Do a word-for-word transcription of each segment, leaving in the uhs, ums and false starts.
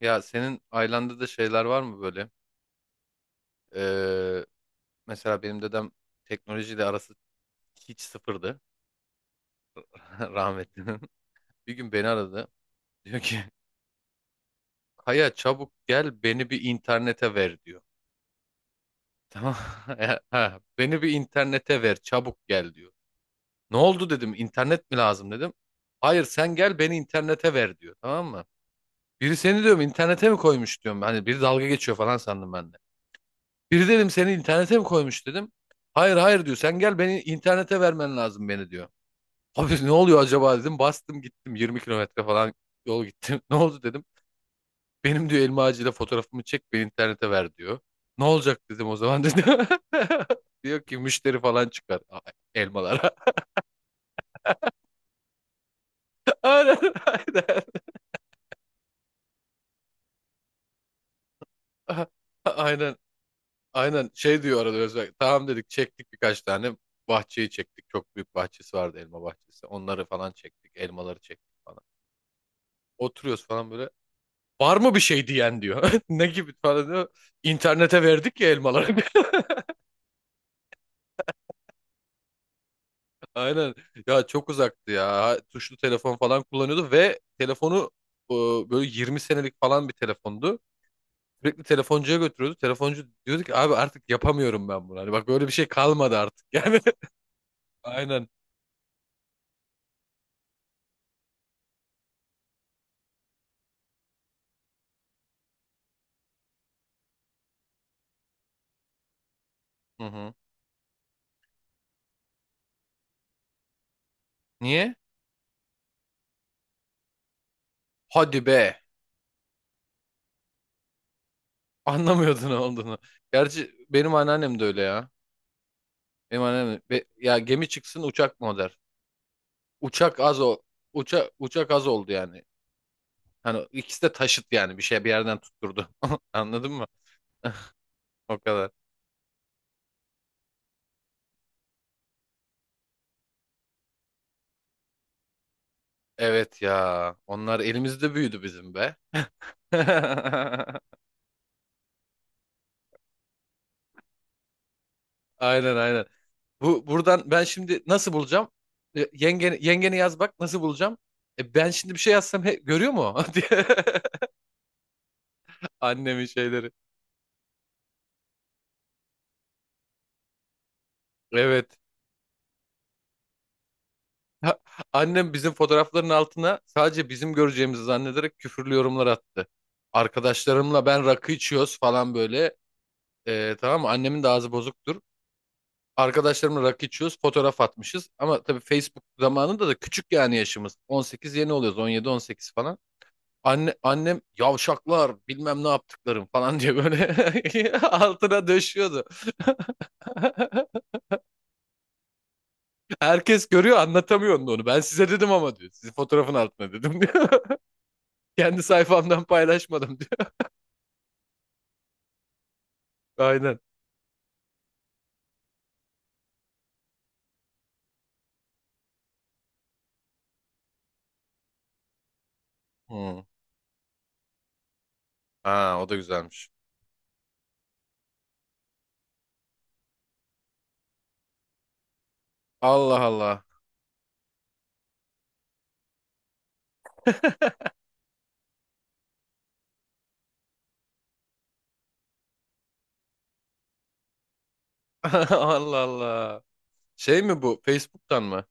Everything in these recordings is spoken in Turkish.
Ya senin ailende de şeyler var mı böyle? Ee, mesela benim dedem teknolojiyle arası hiç sıfırdı rahmetlinin. Bir gün beni aradı. Diyor ki Kaya çabuk gel beni bir internete ver diyor. Tamam. E, Ha, beni bir internete ver çabuk gel diyor. Ne oldu dedim internet mi lazım dedim. Hayır sen gel beni internete ver diyor tamam mı? Biri seni diyorum internete mi koymuş diyorum. Hani biri dalga geçiyor falan sandım ben de. Biri dedim seni internete mi koymuş dedim. Hayır hayır diyor. Sen gel beni internete vermen lazım beni diyor. Abi ne oluyor acaba dedim. Bastım gittim yirmi kilometre falan yol gittim. Ne oldu dedim. Benim diyor elma ağacıyla fotoğrafımı çek beni internete ver diyor. Ne olacak dedim o zaman dedi. Diyor ki müşteri falan çıkar a- elmalara. Aynen aynen. Aynen aynen şey diyor arada Özbek. Tamam dedik çektik birkaç tane. Bahçeyi çektik. Çok büyük bahçesi vardı elma bahçesi. Onları falan çektik. Elmaları çektik falan. Oturuyoruz falan böyle. Var mı bir şey diyen diyor. Ne gibi falan diyor. İnternete verdik ya elmaları. Aynen. Ya çok uzaktı ya. Tuşlu telefon falan kullanıyordu ve telefonu e, böyle yirmi senelik falan bir telefondu. Sürekli telefoncuya götürüyordu. Telefoncu diyordu ki abi artık yapamıyorum ben bunu. Hani bak böyle bir şey kalmadı artık. Yani aynen. Hı hı. Niye? Hadi be. Anlamıyordun ne olduğunu. Gerçi benim anneannem de öyle ya. Benim anneannem de- be- ya gemi çıksın uçak mı o der. Uçak az o. Uça, uçak az oldu yani. Hani ikisi de taşıt yani bir şey bir yerden tutturdu. Anladın mı? O kadar. Evet ya. Onlar elimizde büyüdü bizim be. Aynen aynen. Bu buradan ben şimdi nasıl bulacağım? E, Yengeni, yengeni yaz bak nasıl bulacağım? E, ben şimdi bir şey yazsam he- görüyor mu? diye. Annemin şeyleri. Evet. Ha, annem bizim fotoğrafların altına sadece bizim göreceğimizi zannederek küfürlü yorumlar attı. Arkadaşlarımla ben rakı içiyoruz falan böyle. Ee, tamam mı? Annemin de ağzı bozuktur. Arkadaşlarımla rakı içiyoruz, fotoğraf atmışız. Ama tabii Facebook zamanında da küçük yani yaşımız. on sekiz yeni oluyoruz, on yediye on sekize falan. Anne, annem yavşaklar bilmem ne yaptıklarım falan diye böyle altına döşüyordu. Herkes görüyor anlatamıyor onu. Ben size dedim ama diyor. Sizin fotoğrafın altına dedim diyor. Kendi sayfamdan paylaşmadım diyor. Aynen. Hmm. Ha, o da güzelmiş. Allah Allah. Allah Allah. Şey mi bu? Facebook'tan mı?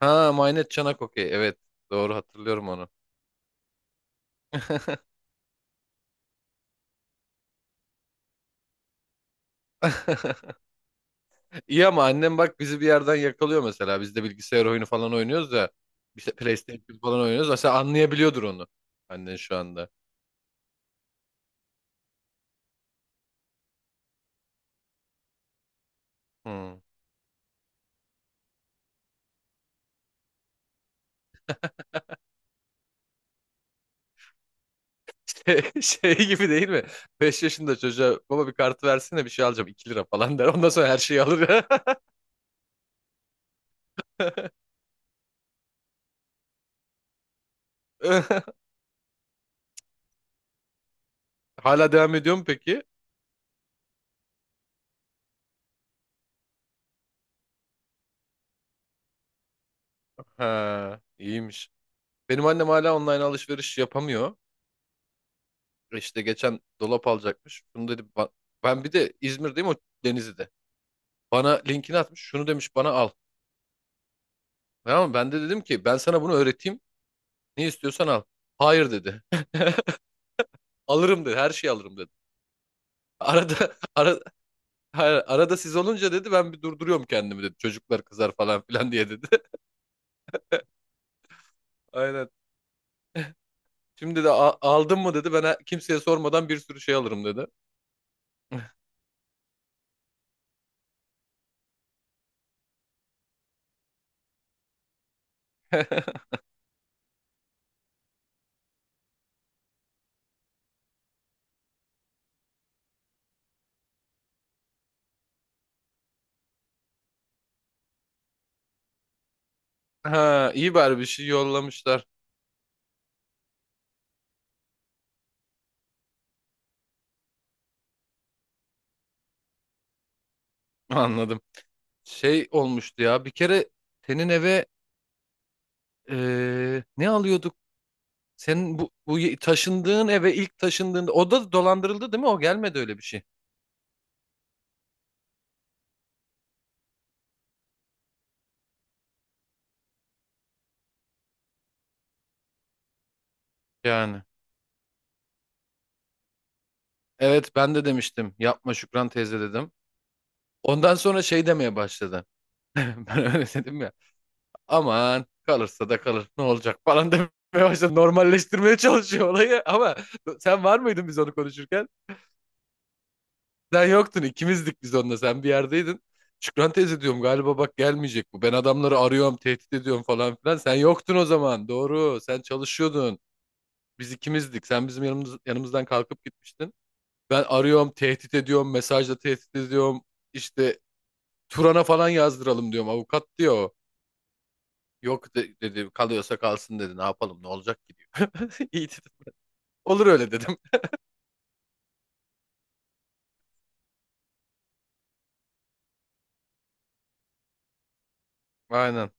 Ha, Maynet Çanak okey. Evet. Doğru hatırlıyorum onu. İyi ama annem bak bizi bir yerden yakalıyor mesela. Biz de bilgisayar oyunu falan oynuyoruz da. İşte PlayStation falan oynuyoruz. Mesela anlayabiliyordur onu. Annen şu anda. Hmm. Şey gibi değil mi? Beş yaşında çocuğa baba bir kartı versene bir şey alacağım iki lira falan der. Ondan sonra her şeyi alır. Hala devam ediyor mu peki? Ha, iyiymiş. Benim annem hala online alışveriş yapamıyor. İşte geçen dolap alacakmış. Bunu dedi ba- ben bir de İzmir'deyim, o Denizli'de. Bana linkini atmış. Şunu demiş bana al. Tamam mı? Ben de dedim ki ben sana bunu öğreteyim. Ne istiyorsan al. Hayır dedi. Alırım dedi. Her şeyi alırım dedi. Arada ara, hayır, arada siz olunca dedi ben bir durduruyorum kendimi dedi. Çocuklar kızar falan filan diye dedi. Aynen. Şimdi de "A- aldın mı dedi. Ben he- kimseye sormadan bir sürü şey alırım dedi. Ha, iyi bari bir şey yollamışlar. Anladım. Şey olmuştu ya. Bir kere senin eve eee, ne alıyorduk? Senin bu, bu ye- taşındığın eve ilk taşındığında o da dolandırıldı değil mi? O gelmedi öyle bir şey. Yani. Evet ben de demiştim. Yapma Şükran teyze dedim. Ondan sonra şey demeye başladı. Ben öyle dedim ya. Aman kalırsa da kalır. Ne olacak falan demeye başladı. Normalleştirmeye çalışıyor olayı ama sen var mıydın biz onu konuşurken? Sen yoktun ikimizdik biz onunla, sen bir yerdeydin. Şükran teyze diyorum galiba bak gelmeyecek bu. Ben adamları arıyorum tehdit ediyorum falan filan. Sen yoktun o zaman, doğru, sen çalışıyordun. Biz ikimizdik, sen bizim yanımız, yanımızdan kalkıp gitmiştin. Ben arıyorum tehdit ediyorum, mesajla tehdit ediyorum. İşte Turan'a falan yazdıralım diyorum avukat diyor o. Yok de- dedi kalıyorsa kalsın dedi ne yapalım ne olacak ki diyor. İyi dedim. Olur öyle dedim. Aynen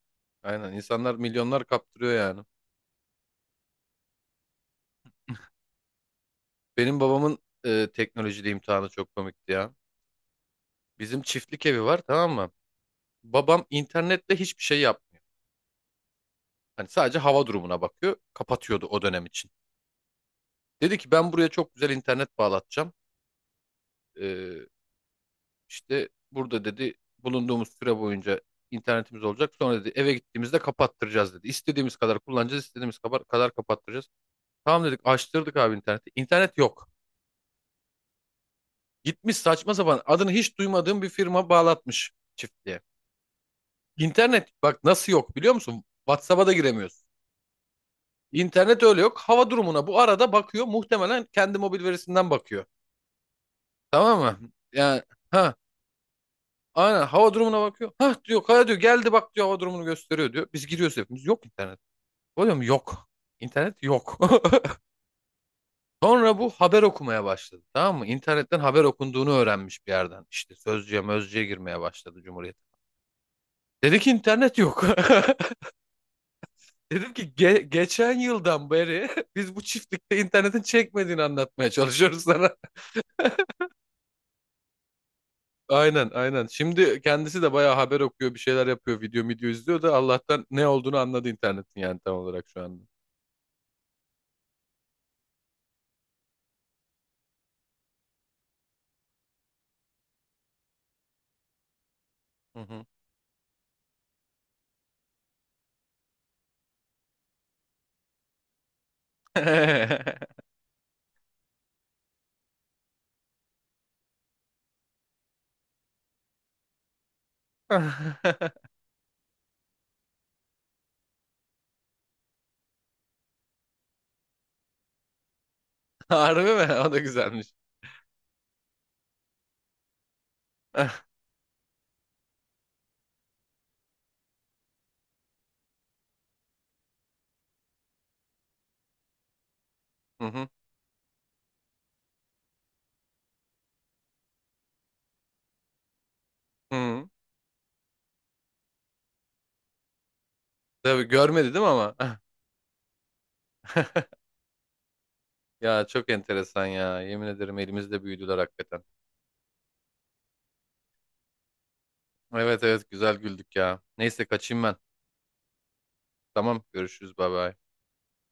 aynen, insanlar milyonlar kaptırıyor yani. Benim babamın e, teknolojide imtihanı çok komikti ya. Bizim çiftlik evi var tamam mı? Babam internetle hiçbir şey yapmıyor. Hani sadece hava durumuna bakıyor. Kapatıyordu o dönem için. Dedi ki ben buraya çok güzel internet bağlatacağım. E, işte burada dedi bulunduğumuz süre boyunca internetimiz olacak. Sonra dedi eve gittiğimizde kapattıracağız dedi. İstediğimiz kadar kullanacağız, istediğimiz kadar, kadar kapattıracağız. Tamam dedik açtırdık abi interneti. İnternet yok. Gitmiş saçma sapan adını hiç duymadığım bir firma bağlatmış çiftliğe. İnternet bak nasıl yok biliyor musun? WhatsApp'a da giremiyorsun. İnternet öyle yok. Hava durumuna bu arada bakıyor. Muhtemelen kendi mobil verisinden bakıyor. Tamam mı? Yani ha aynen hava durumuna bakıyor. Ha diyor kaya diyor geldi bak diyor hava durumunu gösteriyor diyor. Biz giriyoruz hepimiz. Yok internet. Oluyor mu? Yok. İnternet yok. Sonra bu haber okumaya başladı. Tamam mı? İnternetten haber okunduğunu öğrenmiş bir yerden. İşte Sözcü'ye, Mözcü'ye girmeye başladı, Cumhuriyet. Dedi ki internet yok. Dedim ki "Ge- geçen yıldan beri biz bu çiftlikte internetin çekmediğini anlatmaya çalışıyoruz sana." Aynen aynen. Şimdi kendisi de bayağı haber okuyor, bir şeyler yapıyor, video video izliyor da Allah'tan ne olduğunu anladı internetin yani, tam olarak şu anda. Hı hı. Harbi mi? O da güzelmiş. Hı hı. Hı. Tabii görmedi değil mi ama? Ya çok enteresan ya. Yemin ederim elimizde büyüdüler hakikaten. Evet evet güzel güldük ya. Neyse kaçayım ben. Tamam görüşürüz, bay bay.